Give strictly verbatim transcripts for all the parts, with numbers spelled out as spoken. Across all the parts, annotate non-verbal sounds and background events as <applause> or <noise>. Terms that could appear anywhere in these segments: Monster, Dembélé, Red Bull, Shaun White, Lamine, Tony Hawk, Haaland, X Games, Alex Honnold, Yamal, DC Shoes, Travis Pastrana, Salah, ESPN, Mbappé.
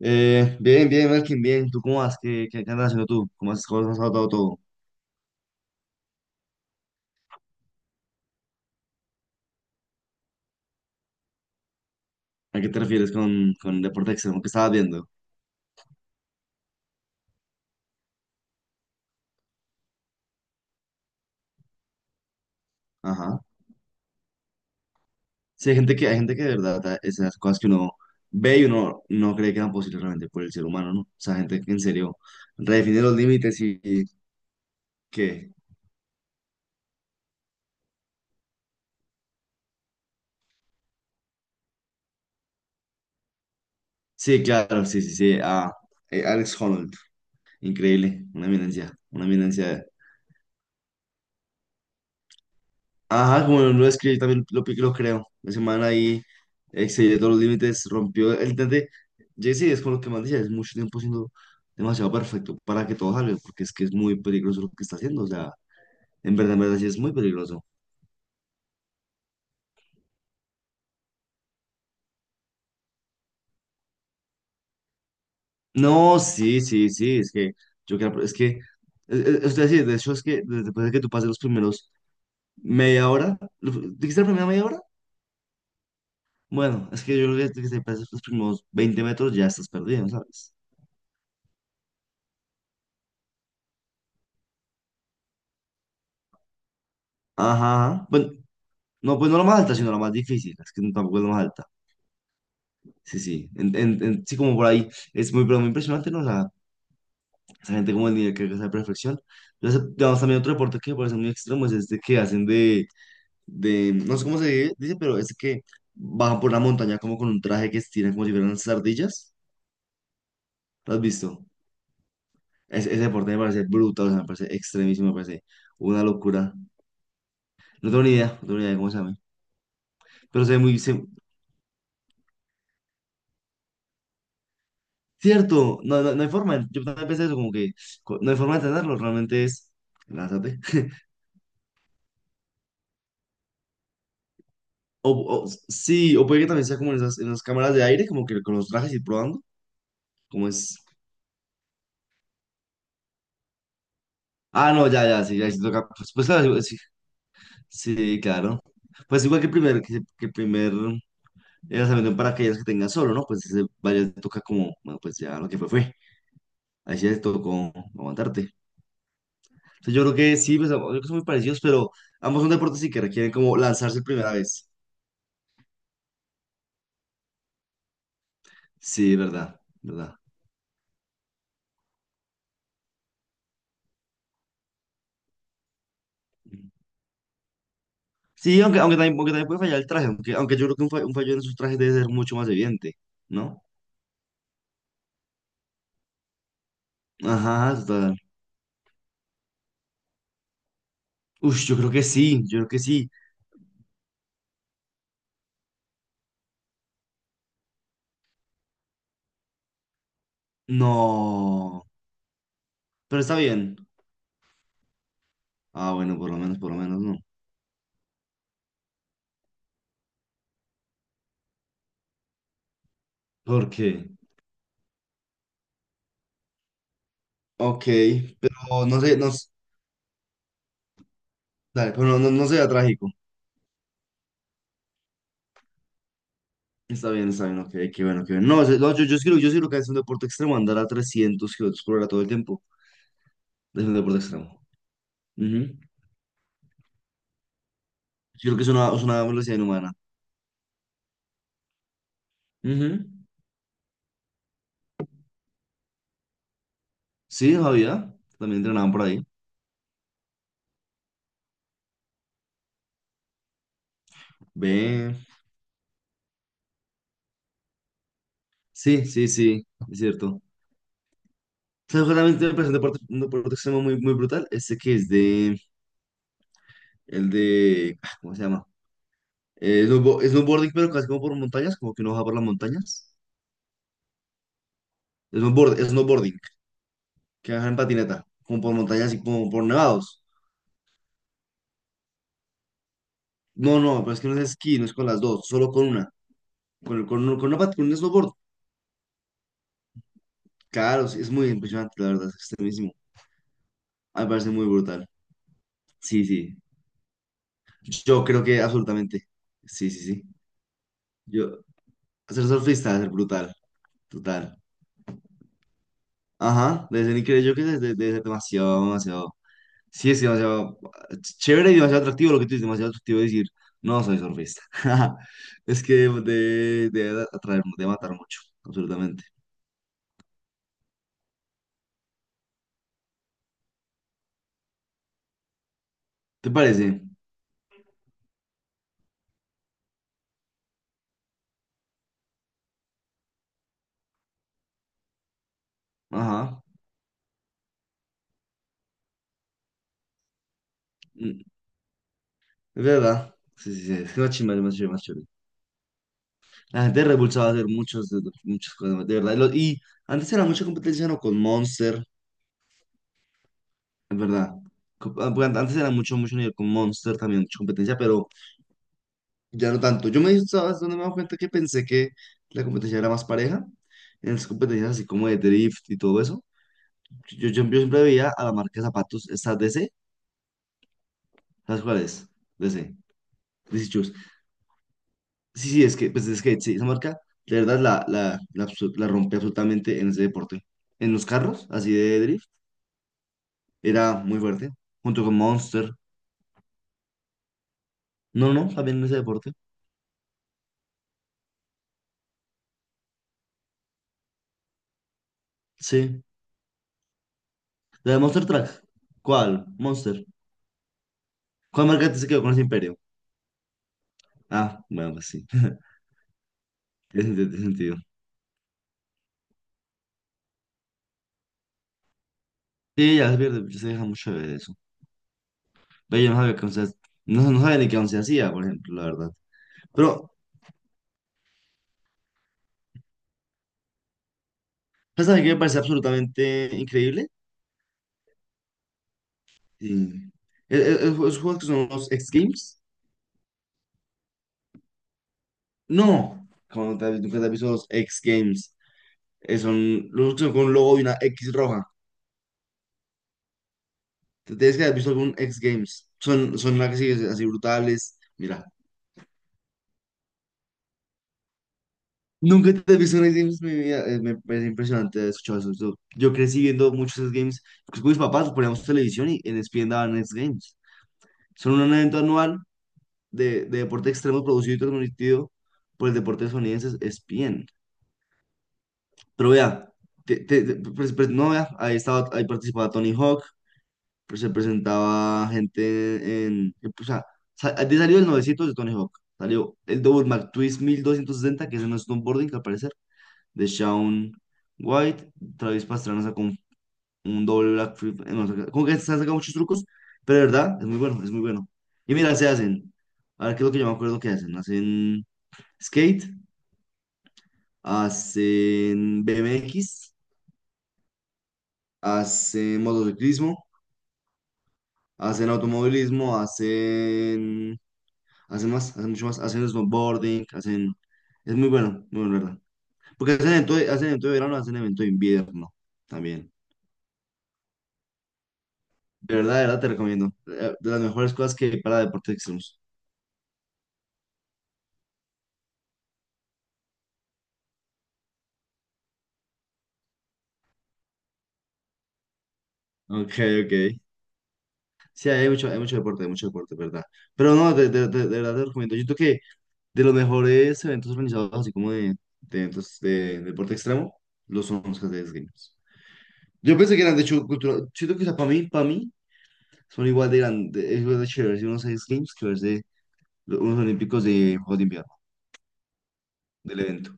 Eh, bien, bien, Melkin, bien. ¿Tú cómo vas? ¿Qué, qué, qué andas haciendo tú? ¿Cómo has, cómo has estado todo? todo? ¿A qué te refieres con, con deporte extremo que estabas viendo? Ajá. Sí, hay gente que, hay gente que de verdad, a- esas cosas que uno ve y uno no cree que eran posibles realmente por el ser humano, ¿no? O sea, gente que en serio redefine los límites y, y que. Sí, claro, sí, sí, sí. Ah, eh, Alex Honnold, increíble, una eminencia, una eminencia. Ajá, como lo escribí, yo también lo, pi- lo creo. La semana ahí excedió todos los límites, rompió el intente. Jesse es con lo que más decía, es mucho tiempo siendo demasiado perfecto para que todo salga, porque es que es muy peligroso lo que está haciendo. O sea, en verdad, en verdad, sí es muy peligroso. No, sí, sí, sí, es que yo creo, es que, es, es- es decir, de hecho, es que desde- después de que tú pases los primeros media hora, lo- ¿dijiste la primera media hora? Bueno, es que yo creo que desde que te pases los primeros veinte metros ya estás perdido, ¿sabes? Ajá. Ajá. Bueno. No, pues no la más alta, sino la más difícil. Es que tampoco es la más alta. Sí, sí. En- en- en- sí, como por ahí. Es muy, pero muy impresionante, ¿no? La, esa gente como el nivel que alcanza de perfección. Yo sé- Digamos, también otro deporte que me parece muy extremo es este que hacen de, de, no sé cómo se dice, pero es que bajan por una montaña como con un traje que estiran como si fueran unas ardillas. ¿Lo has visto? Es- ese deporte me parece brutal, o sea, me parece extremísimo, me parece una locura. No tengo ni idea, no tengo ni idea de cómo se llama. Pero se ve muy, se- Cierto, no, no, no hay forma. Yo también pensé eso, como que co- no hay forma de tenerlo, realmente es. Lázate. <laughs> O, o- sí, o puede que también sea como en esas, en las cámaras de aire, como que con los trajes y probando. Como es. Ah, no, ya, ya, sí, ya sí toca. Pues, pues claro, sí, sí, claro. Pues igual que el primer, que, que el primer eh, lanzamiento en paracaídas que tenga solo, ¿no? Pues ese vaya, toca como, bueno, pues ya lo que fue, fue. Ahí sí te tocó aguantarte. Entonces yo creo que sí, pues yo creo que son muy parecidos, pero ambos son deportes y que requieren como lanzarse primera vez. Sí, verdad, verdad. Sí, aunque, aunque, también, aunque también puede fallar el traje, aunque, aunque yo creo que un, fa- un fallo en sus trajes debe ser mucho más evidente, ¿no? Ajá, total. Ush, yo creo que sí, yo creo que sí. No, pero está bien. Ah, bueno, por lo menos, por lo menos no. ¿Por qué? Ok, pero no sé, no, s- dale, pero no, no, no sea trágico. Está bien, está bien, ok, qué bueno, qué bueno. No, se- no, yo, yo sí creo, yo sí creo que es un deporte extremo, andar a trescientos kilómetros por hora todo el tiempo es un deporte extremo. Ujú. Yo creo que es una, es una, velocidad inhumana. Ujú. Sí, Javier, también entrenaban por ahí. Ve. Sí, sí, sí, es cierto. ¿Sabes cuál también me presenté un deporte, un deporte extremo muy, muy brutal? Este que es de, el de, ah, ¿cómo se llama? Eh, snowbo- snowboarding, pero casi como por montañas, como que uno baja por las montañas. Snowboard, snowboarding, que baja en patineta, como por montañas y como por nevados. No, no, pero es que no es esquí, no es con las dos, solo con una. Con, con, con una, pat- con un snowboard. Claro, sí, es muy impresionante, la verdad, es extremísimo. A mí me parece muy brutal. Sí, sí. Yo creo que absolutamente. Sí, sí, sí. Yo, Ser surfista es brutal, total. Ajá, desde ni increíble, yo que desde, desde demasiado, demasiado. Sí, es demasiado ch- chévere y demasiado atractivo lo que tú dices, demasiado atractivo decir, no soy surfista. <laughs> Es que de, de atraer, de matar mucho, absolutamente. ¿Te parece? Ajá. Mm. Es verdad. Sí, sí, sí. Es que más chimba, más chévere, más chévere. La gente de Red Bull sabe hacer muchos, de- de- muchas cosas, de verdad. Y, lo- y antes era mucha competencia, ¿no? Con Monster. Es verdad. Co- ah, porque an- antes era mucho, mucho nivel con Monster, también mucha competencia, pero ya no tanto. Yo me di- ¿sabes dónde me he dado cuenta? Que pensé que la competencia era más pareja. En las competencias así como de drift y todo eso. Yo, yo, yo siempre veía a la marca de zapatos, esta D C, ¿sabes cuál es? DC, D C Shoes. Sí, sí, es que, pues es que sí, esa marca, de verdad, la, la, la, absu- la rompe absolutamente en ese deporte. En los carros, así de drift, era muy fuerte. Junto con Monster. No, no, también en ese deporte. Sí. ¿La de Monster Truck? ¿Cuál? Monster. ¿Cuál marca se quedó con ese imperio? Ah, bueno, pues sí. <laughs> Tiene sentido. tiene sentido. Sí, ya se pierde, se deja mucho de eso. Pero yo no sabía que once, no, no sabía ni qué once hacía, por ejemplo, la verdad. Pero, ¿sabes a mí qué me parece absolutamente increíble? Sí. E- e- Esos juegos que son los X Games. No, como te, nunca te has visto los X Games. Eh, son los que son con un logo y una X roja. Te tienes que haber visto algún X Games. Son, son las que así, así brutales. Mira. Nunca te has visto unos games en mi vida. eh, me parece impresionante escuchar eso. Yo, yo crecí viendo muchos de esos games. Pues con mis papás nos poníamos televisión y en E S P N daban esos games. Son un evento anual de, de deporte extremo producido y transmitido por el deporte estadounidense E S P N. Pero vea, te- te- te- pues- pues, no vea, ahí estaba, ahí participaba Tony Hawk, pues se presentaba gente en, en- pues, o sea, sa- de salió el novecientos de Tony Hawk. Salió el Double McTwist mil doscientos sesenta que es en snowboarding, al parecer. De Shaun White. Travis Pastrana sacó un, un doble Black Flip. Eh, no, saca- como que se han sacado muchos trucos, pero de verdad es muy bueno, es muy bueno. Y mira, se hacen. A ver qué es lo que yo me acuerdo que hacen. Hacen skate, hacen B M X, hacen motociclismo, hacen automovilismo, hacen. Hacen más, hacen mucho más, hacen snowboarding, hacen. Es muy bueno, muy bueno, la ¿verdad? Porque hacen evento de, hacen evento de verano, hacen evento de invierno también. De verdad, de verdad te recomiendo. Eh, De las mejores cosas que hay para deportes extremos. Ok, ok. Sí, hay mucho, hay mucho deporte, hay mucho deporte, ¿verdad? Pero no, de, de, de- de verdad te recomiendo. Yo creo que de los mejores eventos organizados, así como de, de eventos de, deporte extremo, los son los que se Games. Yo pensé que eran, de hecho, cultural. Siento que, o sea, para mí, para mí, son igual de grandes, es igual de chéveres unos X Games que verse los- unos Olímpicos de Juegos de Invierno, del evento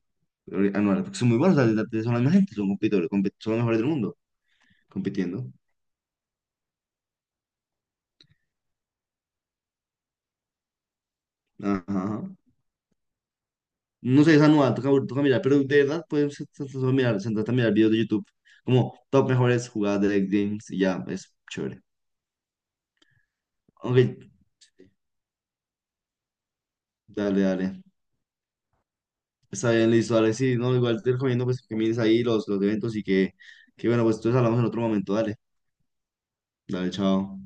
ori- anual, porque son muy buenos, o sea, son la misma gente, son competidores, compet- son los mejores del mundo, compitiendo. Ajá. No sé, esa nueva, toca, toca mirar, pero de verdad, puedes sentarse a mirar, sentarte a mirar videos de YouTube, como top mejores jugadas de League Games y ya, es chévere. Ok, dale, dale. Está bien, listo, dale, sí, no, igual te recomiendo pues que mires ahí los, los eventos y que, que bueno, pues entonces hablamos en otro momento, dale, dale, chao.